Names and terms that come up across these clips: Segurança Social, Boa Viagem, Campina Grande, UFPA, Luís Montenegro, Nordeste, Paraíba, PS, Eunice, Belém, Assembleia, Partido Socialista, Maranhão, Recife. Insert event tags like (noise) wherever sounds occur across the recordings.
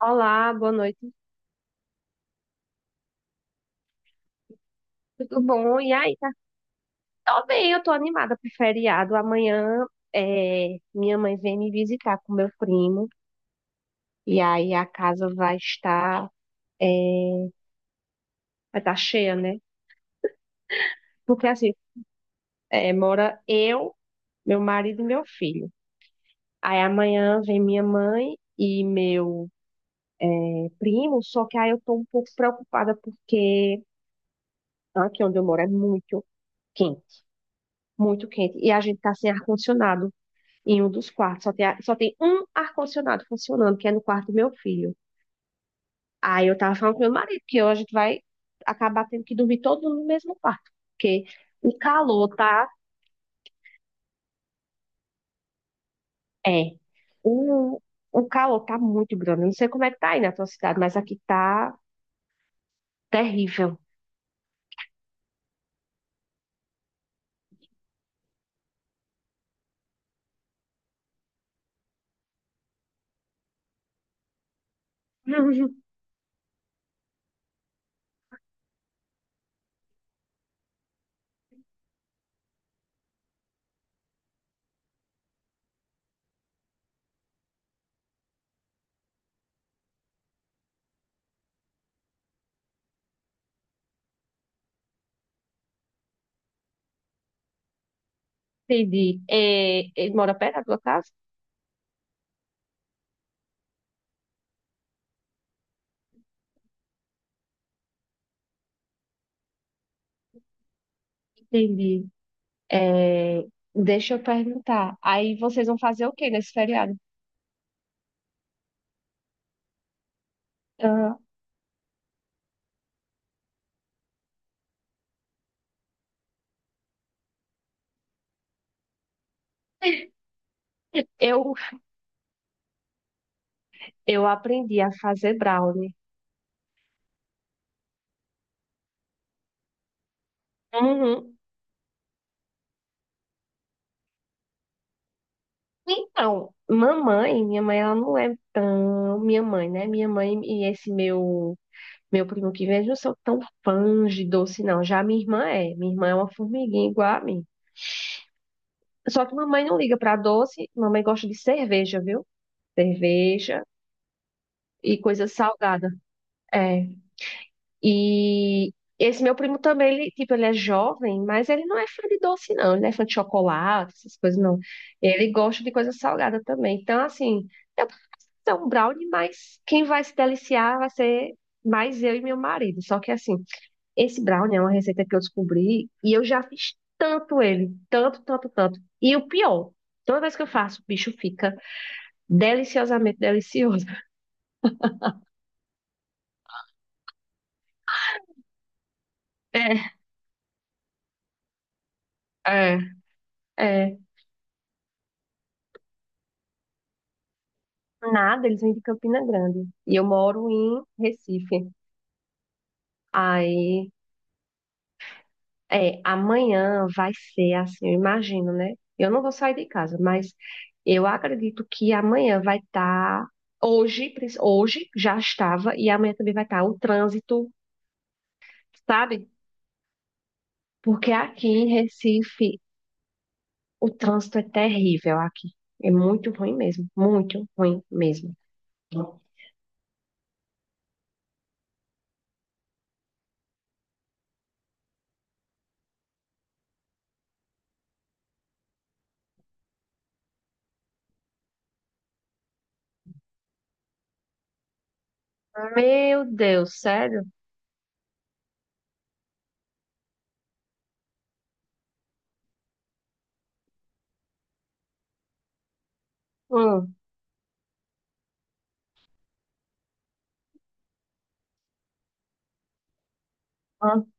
Olá, boa noite. Tudo bom? E aí, tá? Tô bem, eu tô animada pro feriado. Amanhã minha mãe vem me visitar com meu primo. E aí a casa é, vai estar cheia, né? Porque assim, mora eu, meu marido e meu filho. Aí amanhã vem minha mãe e meu primo, só que aí eu tô um pouco preocupada porque aqui onde eu moro é muito quente, muito quente. E a gente tá sem ar-condicionado, em um dos quartos. Só tem um ar-condicionado funcionando, que é no quarto do meu filho. Aí eu tava falando com meu marido que hoje a gente vai acabar tendo que dormir todo mundo no mesmo quarto, porque o calor tá. É. O, o calor tá muito grande. Eu não sei como é que tá aí na tua cidade, mas aqui tá terrível. (laughs) Entendi. É, ele mora perto da tua casa? Entendi. É, deixa eu perguntar. Aí vocês vão fazer o quê nesse feriado? Ah, eu Eu aprendi a fazer brownie. Uhum. Então, mamãe, minha mãe, ela não é tão minha mãe, né? Minha mãe e esse meu primo que vem, eles não são tão fãs de doce, não. Já minha irmã é. Minha irmã é uma formiguinha igual a mim. Só que mamãe não liga pra doce, mamãe gosta de cerveja, viu? Cerveja e coisa salgada. É. E esse meu primo também, ele, tipo, ele é jovem, mas ele não é fã de doce, não. Ele não é fã de chocolate, essas coisas, não. Ele gosta de coisa salgada também. Então, assim, eu posso ter um brownie, mas quem vai se deliciar vai ser mais eu e meu marido. Só que, assim, esse brownie é uma receita que eu descobri e eu já fiz tanto ele, tanto, tanto, tanto. E o pior, toda vez que eu faço, o bicho fica deliciosamente delicioso. (laughs) É, é. É. Nada, eles vêm de Campina Grande. E eu moro em Recife. Aí, amanhã vai ser assim, eu imagino, né? Eu não vou sair de casa, mas eu acredito que amanhã vai estar. Hoje já estava, e amanhã também vai estar o trânsito, sabe? Porque aqui em Recife o trânsito é terrível aqui. É muito ruim mesmo, muito ruim mesmo. Meu Deus, sério? Hum, hum,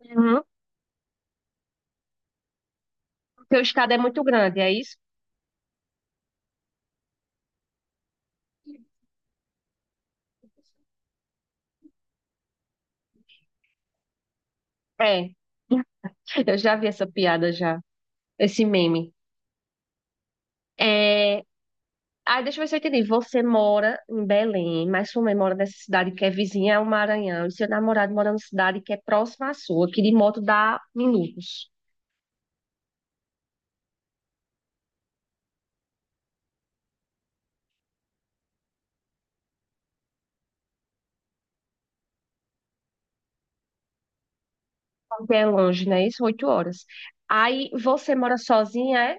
uhum. Porque o estado é muito grande, é isso? É. (laughs) Eu já vi essa piada já, esse meme. É. Ah, deixa eu ver se eu entendi. Você mora em Belém, mas sua mãe mora nessa cidade que é vizinha ao Maranhão, e seu namorado mora numa cidade que é próxima à sua, que de moto dá minutos. Porque é longe, né? Isso, 8 horas. Aí você mora sozinha, é?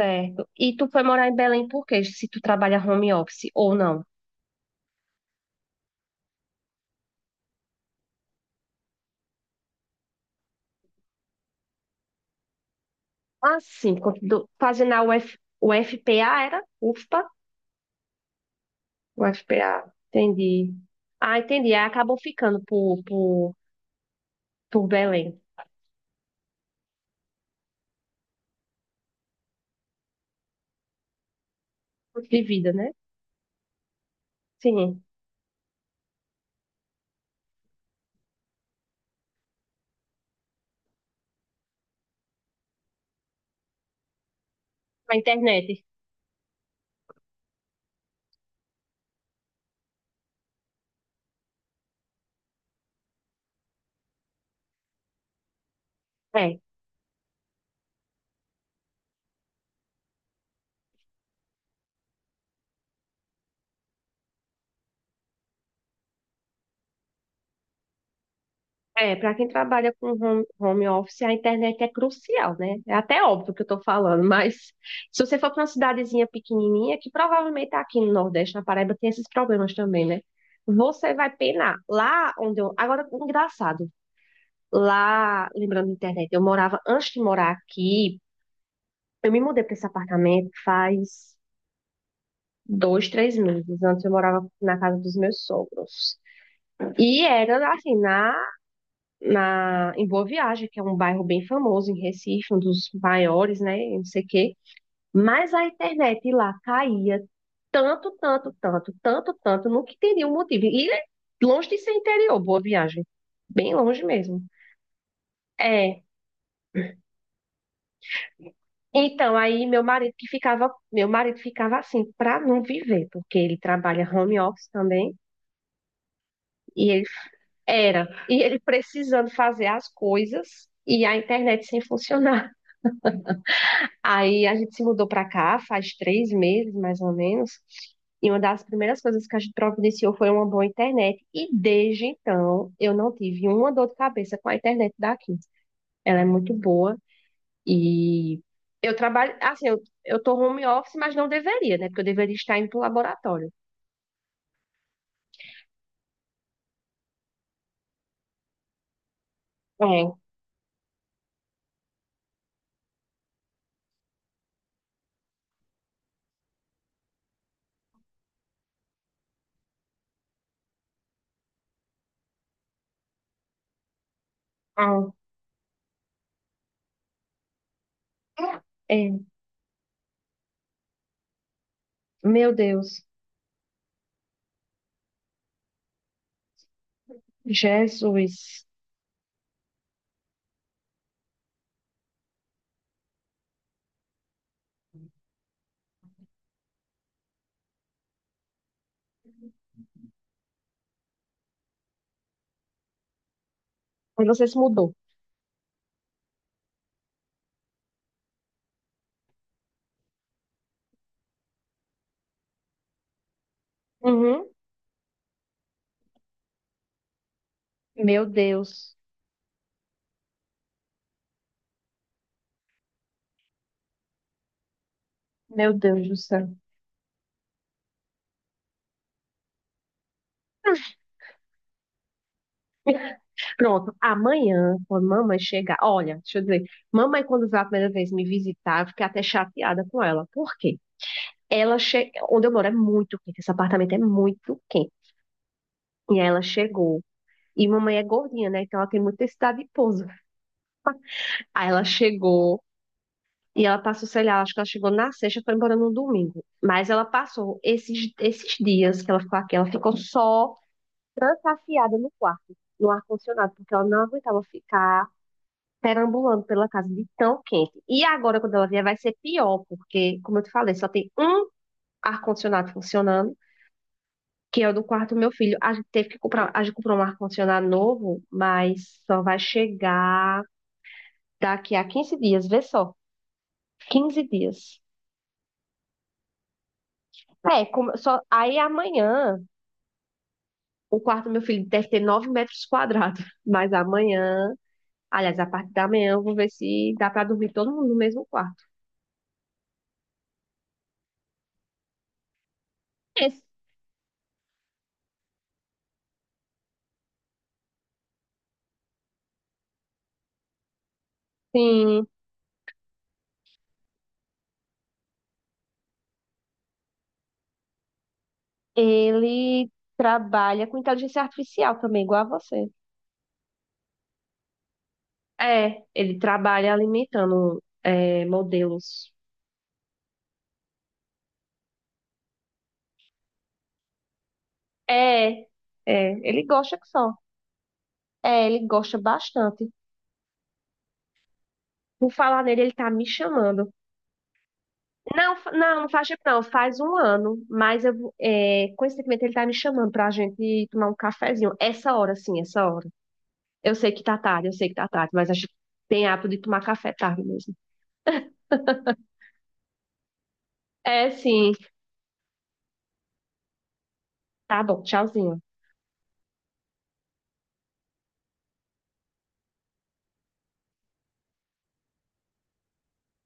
Certo. E tu foi morar em Belém por quê? Se tu trabalha home office ou não? Assim, quando fazendo a UFPA, era? UFPA? O FPA. Entendi. Ah, entendi. Aí acabou ficando por Belém. De vida, né? Sim. A internet. É. É, para quem trabalha com home office, a internet é crucial, né? É até óbvio que eu tô falando, mas se você for para uma cidadezinha pequenininha, que provavelmente tá aqui no Nordeste, na Paraíba, tem esses problemas também, né? Você vai penar. Lá onde eu. Agora, engraçado. Lá, lembrando da internet, eu morava, antes de morar aqui, eu me mudei para esse apartamento faz dois, três meses. Antes eu morava na casa dos meus sogros. E era assim, em Boa Viagem, que é um bairro bem famoso em Recife, um dos maiores, né? Não sei o quê. Mas a internet lá caía tanto, tanto, tanto, tanto, tanto, não que teria um motivo. E é longe de ser interior, Boa Viagem. Bem longe mesmo. É. Então, aí meu marido que ficava, meu marido ficava assim, para não viver, porque ele trabalha home office também, e ele era. E ele precisando fazer as coisas e a internet sem funcionar. Aí a gente se mudou para cá faz três meses, mais ou menos. E uma das primeiras coisas que a gente providenciou foi uma boa internet. E desde então, eu não tive uma dor de cabeça com a internet daqui. Ela é muito boa. E eu trabalho, assim, eu tô home office, mas não deveria, né? Porque eu deveria estar indo pro laboratório. É. Ah. É. Meu Deus. Jesus. Mas você se mudou. Uhum. Meu Deus. Meu Deus do céu. Pronto, amanhã, quando mamãe chegar, olha, deixa eu dizer, mamãe, quando veio a primeira vez me visitar, eu fiquei até chateada com ela. Por quê? Onde eu moro é muito quente, esse apartamento é muito quente. E aí ela chegou. E mamãe é gordinha, né? Então ela tem muita necessidade de pouso. Aí ela chegou e ela passou, sei lá, acho que ela chegou na sexta, foi embora no domingo. Mas ela passou esses dias que ela ficou aqui, ela ficou só, trancafiada no quarto, no ar-condicionado, porque ela não aguentava ficar perambulando pela casa de tão quente. E agora, quando ela vier, vai ser pior, porque, como eu te falei, só tem um ar-condicionado funcionando, que é o do quarto do meu filho. A gente teve que comprar, a gente comprou um ar-condicionado novo, mas só vai chegar daqui a 15 dias, vê só, 15 dias. É, como, só, aí amanhã o quarto do meu filho deve ter 9 metros quadrados, (laughs) mas amanhã. Aliás, a parte da manhã eu vou ver se dá para dormir todo mundo no mesmo quarto. Esse, sim, ele trabalha com inteligência artificial também, igual a você. É, ele trabalha alimentando modelos. É, é, ele gosta que só. É, ele gosta bastante. Por falar nele, ele tá me chamando. Não, não, não faz tempo não, faz um ano, mas eu, coincidentemente ele tá me chamando pra gente tomar um cafezinho. Essa hora, sim, essa hora. Eu sei que tá tarde, eu sei que tá tarde, mas acho que tem hábito de tomar café tarde mesmo. (laughs) É, sim. Tá bom, tchauzinho.